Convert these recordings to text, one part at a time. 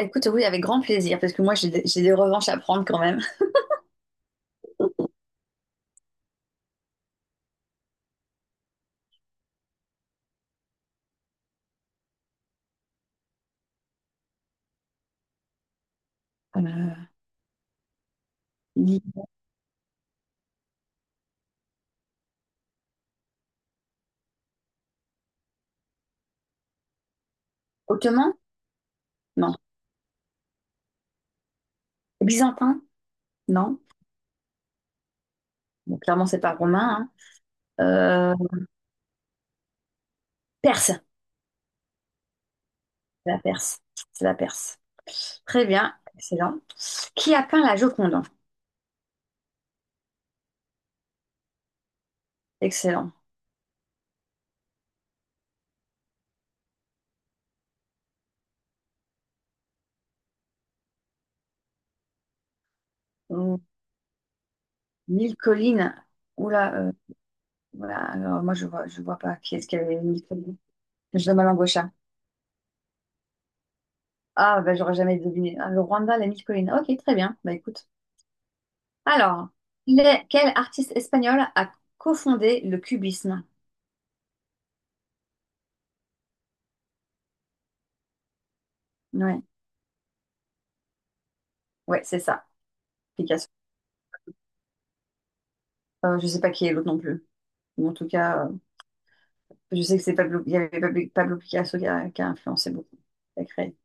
Écoute, oui, avec grand plaisir, parce que moi, j'ai des revanches à prendre quand même. Euh, dis- Ottoman? Non. Byzantin? Non. Bon, clairement, c'est pas romain, hein. Euh, Perse. C'est la Perse. C'est la Perse. Très bien. Excellent. Qui a peint la Joconde? Excellent. Hum, Mille collines. Oula, voilà. Alors, moi, je vois pas qui est-ce qui avait mille collines. Je donne ma langue au chat. Ah bah, j'aurais jamais deviné. Ah, le Rwanda, la mille collines. Ok, très bien. Bah, écoute. Alors, quel artiste espagnol a cofondé le cubisme? Ouais, ouais, c'est ça, Picasso. Je sais pas qui est l'autre non plus. Mais en tout cas, je sais que c'est Pablo, il y avait Pablo, Pablo Picasso qui a influencé beaucoup, qui a créé.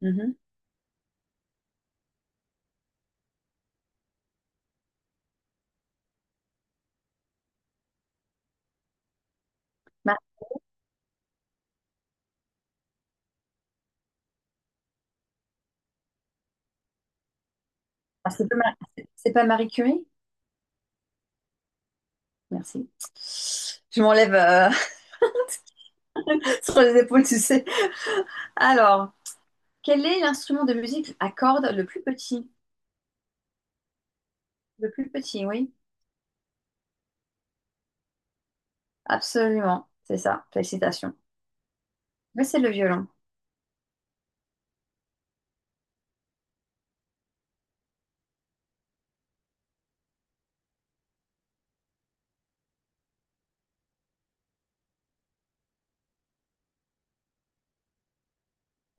Mhm. Ma- ah, c'est pas Marie Curie? Merci. Je m'enlève sur les épaules, tu sais. Alors, quel est l'instrument de musique à cordes le plus petit? Le plus petit, oui, absolument, c'est ça. Félicitations. Mais c'est le violon.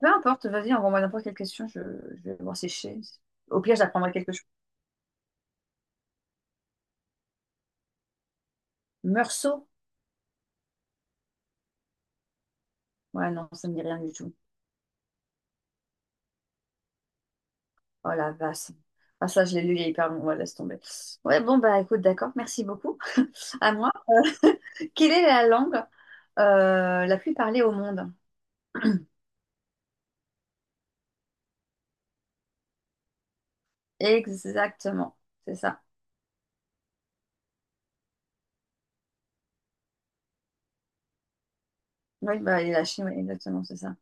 Peu importe, vas-y, envoie-moi n'importe quelle question, je vais voir si je sais. Au pire, j'apprendrai quelque chose. Meursault? Ouais, non, ça me dit rien du tout. Oh la vache. Ah, ça, je l'ai lu il y a hyper longtemps. Ouais, laisse tomber. Ouais, bon, bah écoute, d'accord, merci beaucoup. À moi. Quelle est la langue la plus parlée au monde? Exactement, c'est ça. Oui, bah, et la Chine, oui, exactement, c'est ça.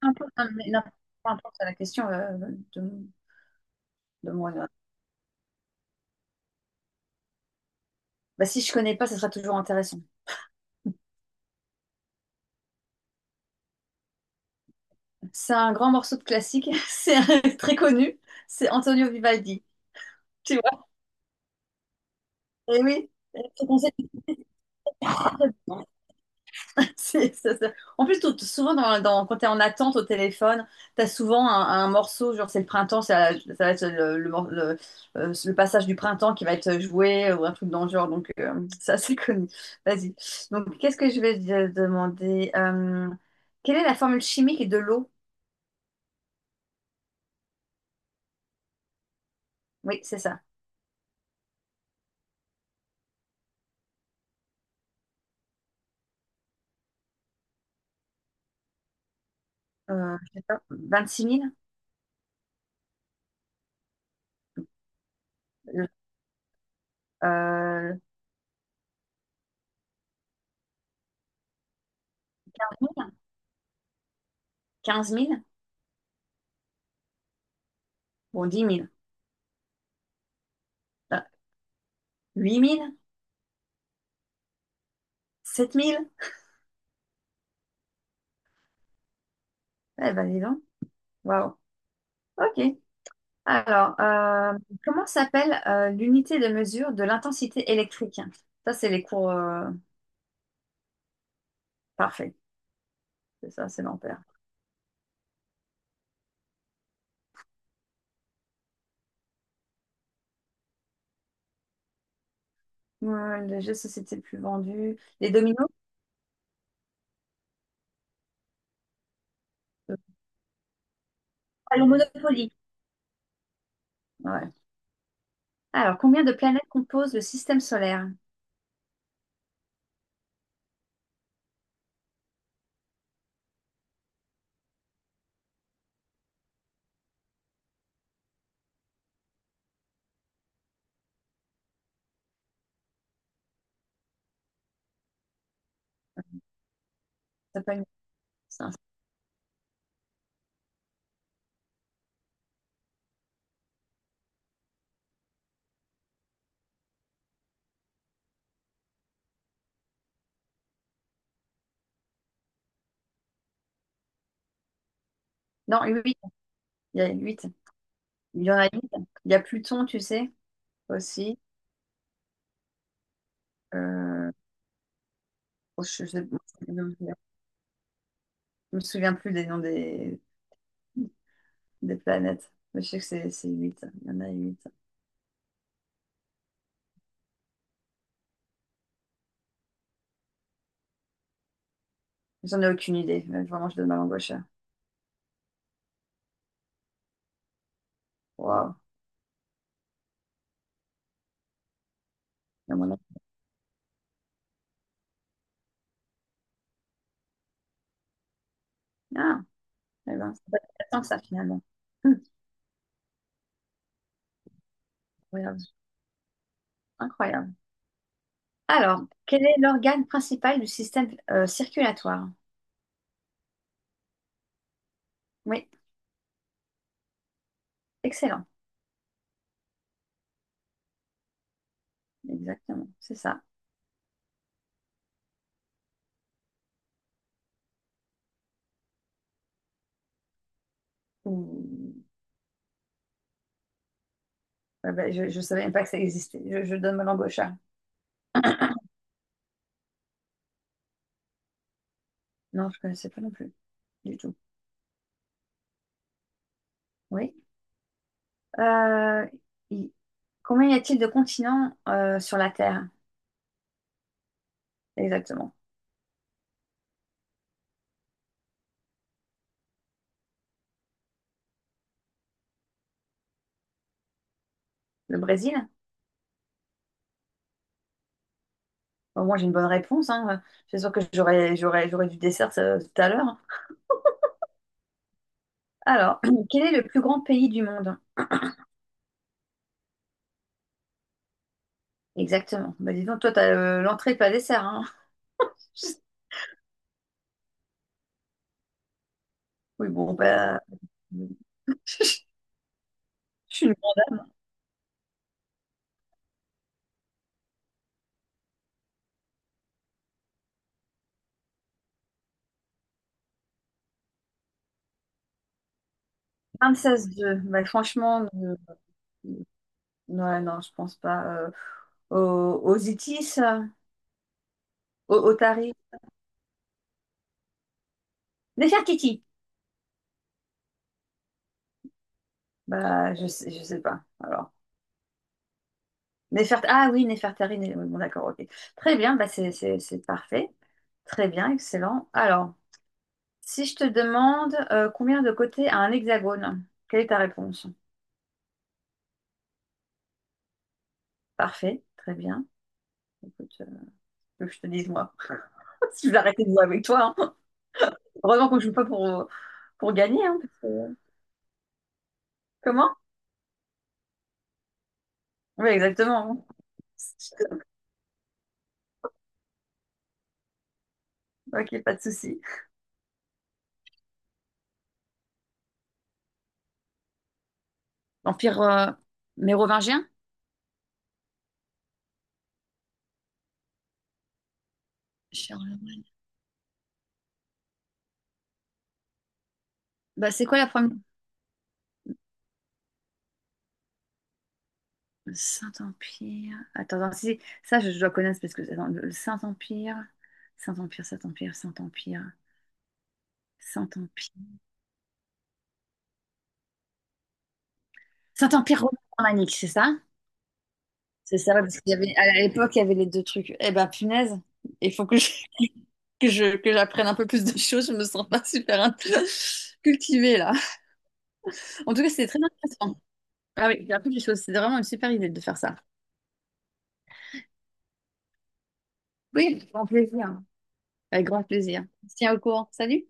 Peu importe, non, mais non, peu importe la question de, de moi. Bah, si je connais pas, ça sera toujours intéressant. C'est un grand morceau de classique, très connu, c'est Antonio Vivaldi. Tu vois? Et oui, ce conseil est très bon. En plus, souvent, quand tu es en attente au téléphone, tu as souvent un morceau, genre c'est le printemps, ça va être le passage du printemps qui va être joué ou un truc dans le genre, donc ça, c'est connu. Vas-y. Donc, qu'est-ce que je vais te demander? Quelle est la formule chimique de l'eau? Oui, c'est ça. Je sais pas, 26 000? Euh, 15 000. Bon, 10 000. Euh, 8 000? 7 000? Eh ben, dis donc. Waouh. OK. Alors, comment s'appelle l'unité de mesure de l'intensité électrique? Ça, c'est les cours parfaits. C'est ça, c'est l'ampère. Ouais, le jeu de société le plus vendu. Les dominos? Ah, le Monopoly. Ouais. Alors, combien de planètes composent le système solaire? Ça peut être- ça- Non, huit. Il y a huit. Il y en a huit. Il y a Pluton, tu sais, aussi. Euh, je sais- Je me souviens plus des noms des planètes. Mais je sais que c'est 8. Il y en a huit. J'en ai aucune idée. Mais vraiment, je donne ma langue au chat. Waouh. Il y a mon nom. Ah, eh ben, c'est pas si intéressant que ça finalement. Hum, incroyable. Incroyable. Alors, quel est l'organe principal du système circulatoire? Oui, excellent. Exactement, c'est ça. Ouh. Ah ben, je ne savais même pas que ça existait. Je donne ma langue au chat. Non, je ne connaissais pas non plus, du tout. Oui. Euh, il- Combien y a-t-il de continents sur la Terre? Exactement. Le Brésil? Au moins, j'ai une bonne réponse, hein. Je suis sûre que j'aurais du dessert ça, tout à l'heure. Alors, quel est le plus grand pays du monde? Exactement. Bah, dis donc, toi, t'as l'entrée, pas le dessert, hein. Oui, bon, bah, je suis une grande 26-2. Bah, franchement, ouais, non, je pense pas. Aux Itis, aux Tari. Nefertiti. Bah, je sais pas. Alors. Ah oui, Néfertari, oui, bon d'accord, ok. Très bien, bah c'est parfait. Très bien, excellent. Alors, si je te demande combien de côtés a un hexagone, quelle est ta réponse? Parfait, très bien. Écoute, que je te dise moi. Si je vais arrêter de jouer avec toi, hein. Heureusement qu'on ne joue pas pour gagner, hein, parce que... Comment? Oui, exactement, hein. Ok, pas de souci. L'Empire mérovingien? Charles- Bah, c'est quoi la première? Le Saint-Empire. Attends, attends, si, si, ça, je dois connaître parce que attends, le Saint-Empire. Saint-Empire, Saint-Empire, Saint-Empire, Saint-Empire. Saint-Empire romain-germanique, c'est ça? C'est ça, ouais, parce qu'il y avait, à l'époque, il y avait les deux trucs. Eh ben, punaise, il faut que j'apprenne un peu plus de choses. Je me sens pas super cultivée, là. En tout cas, c'était très intéressant. Ah oui, j'ai appris des choses. C'était vraiment une super idée de faire ça. Oui, avec grand plaisir. Avec grand plaisir. Tiens au courant. Salut!